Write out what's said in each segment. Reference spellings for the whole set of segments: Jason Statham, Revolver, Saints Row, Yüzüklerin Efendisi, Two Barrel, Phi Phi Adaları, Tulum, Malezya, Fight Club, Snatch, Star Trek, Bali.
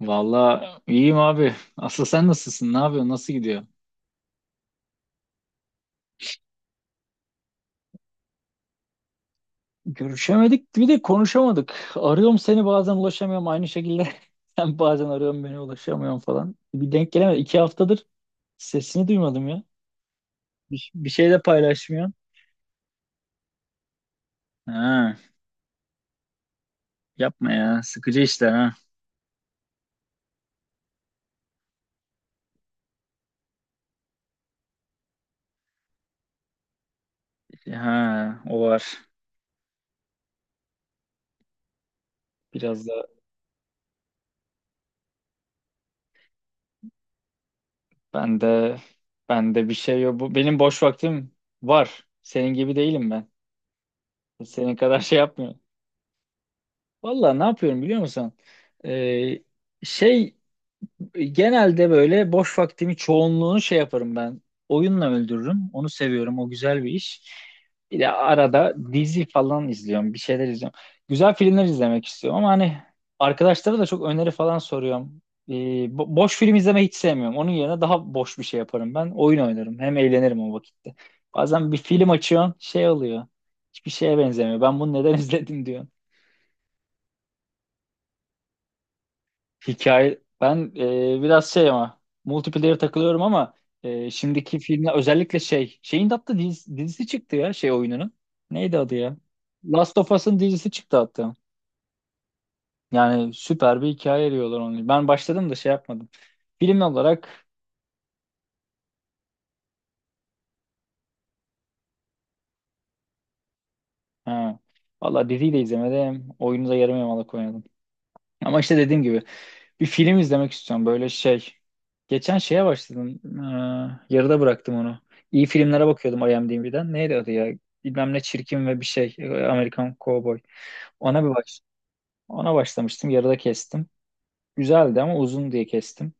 Vallahi iyiyim abi. Aslı sen nasılsın? Ne yapıyorsun? Nasıl gidiyor? Görüşemedik bir de konuşamadık. Arıyorum seni bazen ulaşamıyorum aynı şekilde. Sen bazen arıyorum beni ulaşamıyorum falan. Bir denk gelemedim. İki haftadır sesini duymadım ya. Bir şey de paylaşmıyorsun. Ha, yapma ya. Sıkıcı işler ha. Ha, o var. Biraz da ben de ben de bir şey yok. Bu, benim boş vaktim var. Senin gibi değilim ben. Senin kadar şey yapmıyorum. Vallahi ne yapıyorum biliyor musun? Ee, Şey genelde böyle boş vaktimi çoğunluğunu şey yaparım ben. Oyunla öldürürüm. Onu seviyorum. O güzel bir iş. Bir de arada dizi falan izliyorum. Bir şeyler izliyorum. Güzel filmler izlemek istiyorum ama hani arkadaşlara da çok öneri falan soruyorum. Ee, Boş film izlemeyi hiç sevmiyorum. Onun yerine daha boş bir şey yaparım ben. Oyun oynarım. Hem eğlenirim o vakitte. Bazen bir film açıyorsun şey oluyor. Hiçbir şeye benzemiyor. Ben bunu neden izledim diyor. Hikaye ben biraz şey ama multiplayer takılıyorum ama şimdiki filmler özellikle şey şeyin de hatta dizisi çıktı ya şey oyununun. Neydi adı ya? Last of Us'ın dizisi çıktı hatta. Yani süper bir hikaye eriyorlar onu. Ben başladım da şey yapmadım. Film olarak ha, valla diziyi de izlemedim. Oyunu da yarım yamalak oynadım. Ama işte dediğim gibi bir film izlemek istiyorum böyle şey. Geçen şeye başladım. Yarıda bıraktım onu. İyi filmlere bakıyordum IMDb'den. Neydi adı ya? Bilmem ne çirkin ve bir şey. Amerikan Cowboy. Ona bir baş Ona başlamıştım. Yarıda kestim. Güzeldi ama uzun diye kestim.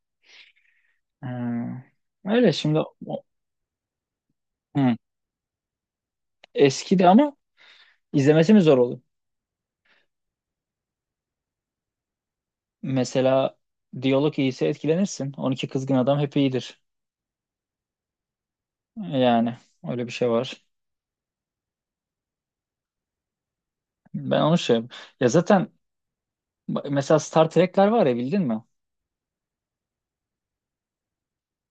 Ee, öyle şimdi o- hı, eskidi ama izlemesi mi zor olur? Mesela diyalog iyiyse etkilenirsin. 12 Kızgın Adam hep iyidir. Yani öyle bir şey var. Ben onu şey ya zaten Ba- Mesela Star Trek'ler var ya bildin mi?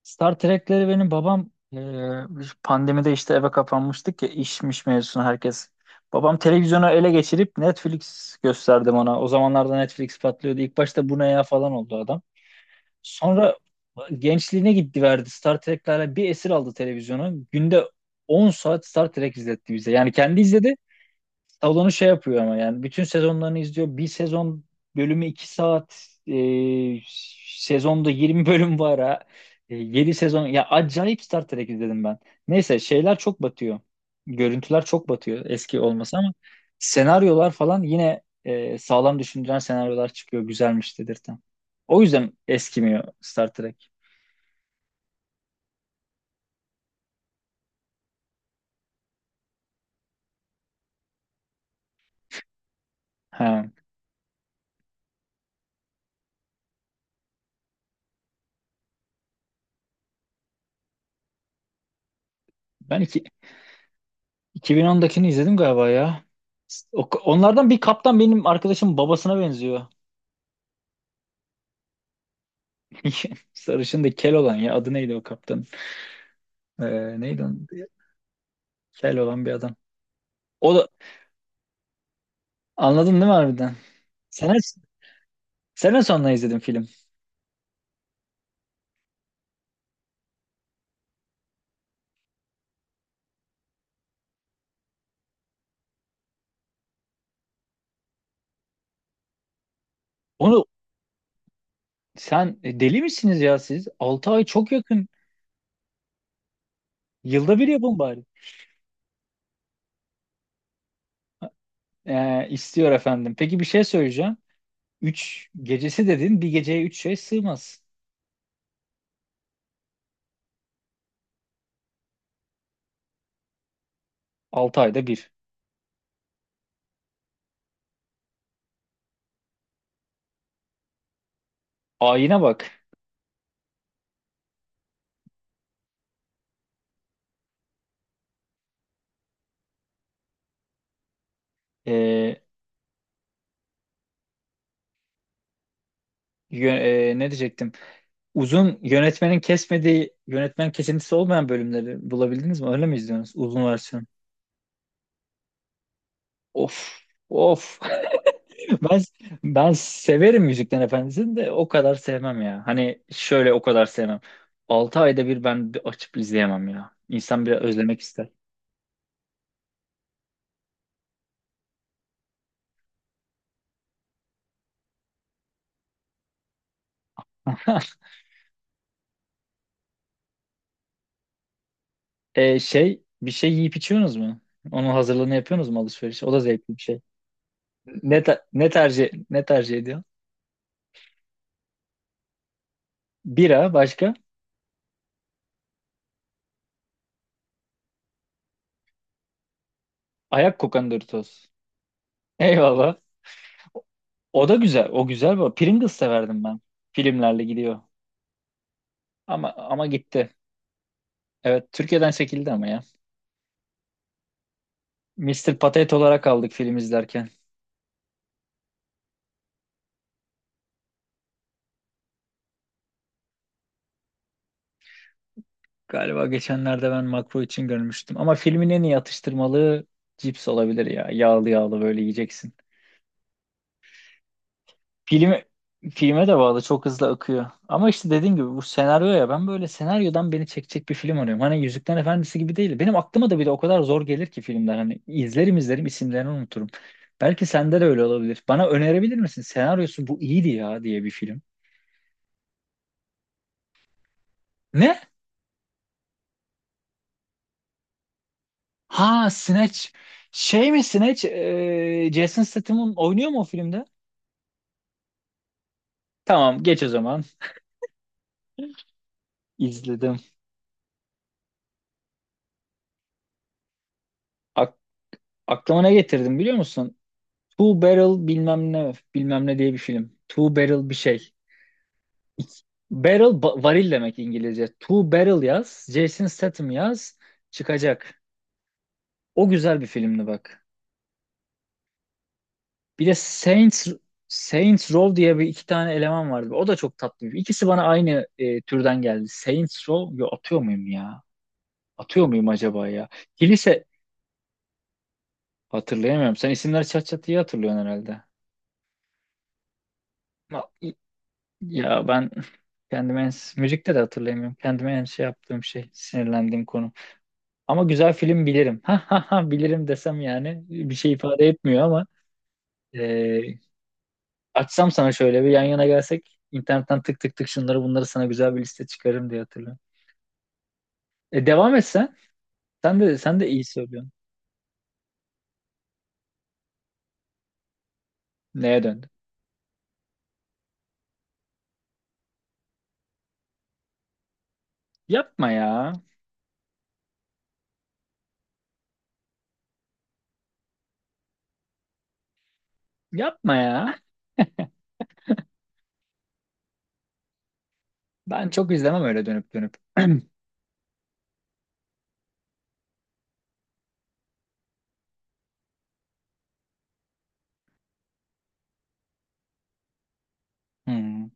Star Trek'leri benim babam pandemide işte eve kapanmıştık ya işmiş mevzusuna herkes. Babam televizyonu ele geçirip Netflix gösterdim ona. O zamanlarda Netflix patlıyordu. İlk başta bu ne ya falan oldu adam. Sonra gençliğine gitti verdi. Star Trek'lerle bir esir aldı televizyonu. Günde 10 saat Star Trek izletti bize. Yani kendi izledi. Salonu şey yapıyor ama yani bütün sezonlarını izliyor. Bir sezon bölümü 2 saat sezonda 20 bölüm var ha. 7 sezon ya acayip Star Trek izledim ben. Neyse şeyler çok batıyor. Görüntüler çok batıyor eski olması ama senaryolar falan yine sağlam düşündüren senaryolar çıkıyor. Güzelmiş dedirten. O yüzden eskimiyor Star Trek. Ha. Ben iki, 2010'dakini izledim galiba ya. Onlardan bir kaptan benim arkadaşım babasına benziyor. Sarışın da kel olan ya. Adı neydi o kaptan? Neydi onun adı ya? Kel olan bir adam. O da anladın değil mi harbiden? Sene, sene sonuna izledim film. Onu sen deli misiniz ya siz? 6 ay çok yakın. Yılda bir yapın bari. İstiyor efendim. Peki bir şey söyleyeceğim. Üç gecesi dedin. Bir geceye 3 şey sığmaz. 6 ayda bir. Ayine bak. Ee, yö- Ne diyecektim? Uzun yönetmenin kesmediği, yönetmen kesintisi olmayan bölümleri bulabildiniz mi? Öyle mi izliyorsunuz? Uzun versiyon. Of of ben ben severim Yüzüklerin Efendisi'ni de o kadar sevmem ya. Hani şöyle o kadar sevmem. 6 ayda bir ben bir açıp izleyemem ya. İnsan biraz özlemek ister. Şey bir şey yiyip içiyorsunuz mu? Onun hazırlığını yapıyorsunuz mu alışveriş? O da zevkli bir şey. Ne tercih ediyor? Bira başka? Ayak kokan Doritos. Eyvallah. O da güzel. O güzel bu. Pringles severdim ben. Filmlerle gidiyor. Ama gitti. Evet, Türkiye'den çekildi ama ya. Mr. Patate olarak aldık film izlerken. Galiba geçenlerde ben makro için görmüştüm. Ama filmin en iyi atıştırmalığı cips olabilir ya. Yağlı yağlı böyle yiyeceksin. Filme, filme de bağlı çok hızlı akıyor. Ama işte dediğim gibi bu senaryo ya ben böyle senaryodan beni çekecek bir film arıyorum. Hani Yüzüklerin Efendisi gibi değil. Benim aklıma da bir de o kadar zor gelir ki filmler. Hani izlerim izlerim isimlerini unuturum. Belki sende de öyle olabilir. Bana önerebilir misin? Senaryosu bu iyiydi ya diye bir film. Ne Ha, Snatch. Şey mi Snatch? Jason Statham'ın oynuyor mu o filmde? Tamam geç o zaman. İzledim. Ak- Aklıma ne getirdim biliyor musun? Two Barrel bilmem ne bilmem ne diye bir film. Two Barrel bir şey. İk- Barrel varil demek İngilizce. Two Barrel yaz. Jason Statham yaz. Çıkacak. O güzel bir filmdi bak. Bir de Saints Row diye bir iki tane eleman vardı. O da çok tatlı. İkisi bana aynı türden geldi. Saints Row yo, atıyor muyum ya? Atıyor muyum acaba ya? Kilise hatırlayamıyorum. Sen isimleri çat çat iyi hatırlıyorsun herhalde. Ma- Ya ben kendime en, müzikte de hatırlayamıyorum. Kendime en şey yaptığım şey, sinirlendiğim konu. Ama güzel film bilirim. Ha ha ha bilirim desem yani bir şey ifade etmiyor ama e, açsam sana şöyle bir yan yana gelsek internetten tık tık tık şunları bunları sana güzel bir liste çıkarırım diye hatırlıyorum. Devam etsen. Sen de iyi söylüyorsun. Neye döndün? Yapma ya. Yapma ya. Ben çok izlemem öyle dönüp dönüp. Hmm.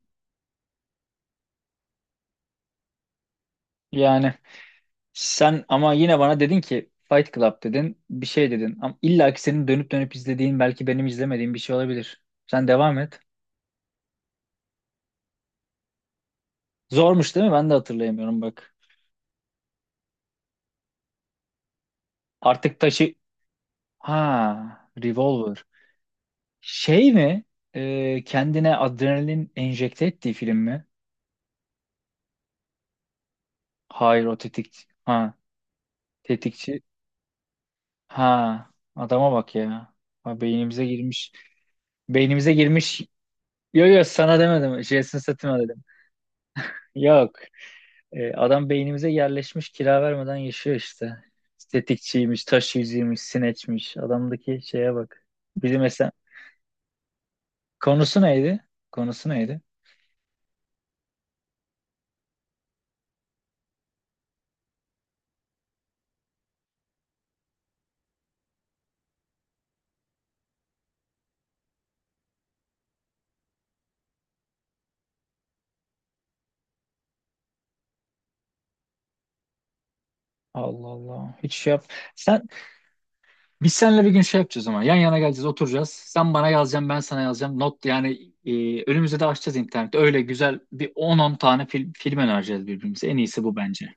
Yani sen ama yine bana dedin ki Fight Club dedin, bir şey dedin. Ama illa ki senin dönüp dönüp izlediğin belki benim izlemediğim bir şey olabilir. Sen devam et. Zormuş değil mi? Ben de hatırlayamıyorum bak. Artık taşı... Ha, Revolver. Şey mi? Kendine adrenalin enjekte ettiği film mi? Hayır o tetik... Ha, tetikçi. Ha, adama bak ya. Ha, beynimize girmiş. Beynimize girmiş. Yo yo sana demedim. Jason Statham'a dedim. Yok. Adam beynimize yerleşmiş kira vermeden yaşıyor işte. Estetikçiymiş, taşıyıcıymış, sineçmiş. Adamdaki şeye bak. Bizim mesela Konusu neydi? Konusu neydi? Allah Allah. Hiç şey yap. Sen Biz seninle bir gün şey yapacağız ama. Yan yana geleceğiz, oturacağız. Sen bana yazacaksın, ben sana yazacağım. Not yani önümüzde de açacağız internette. Öyle güzel bir on tane film önereceğiz birbirimize. En iyisi bu bence.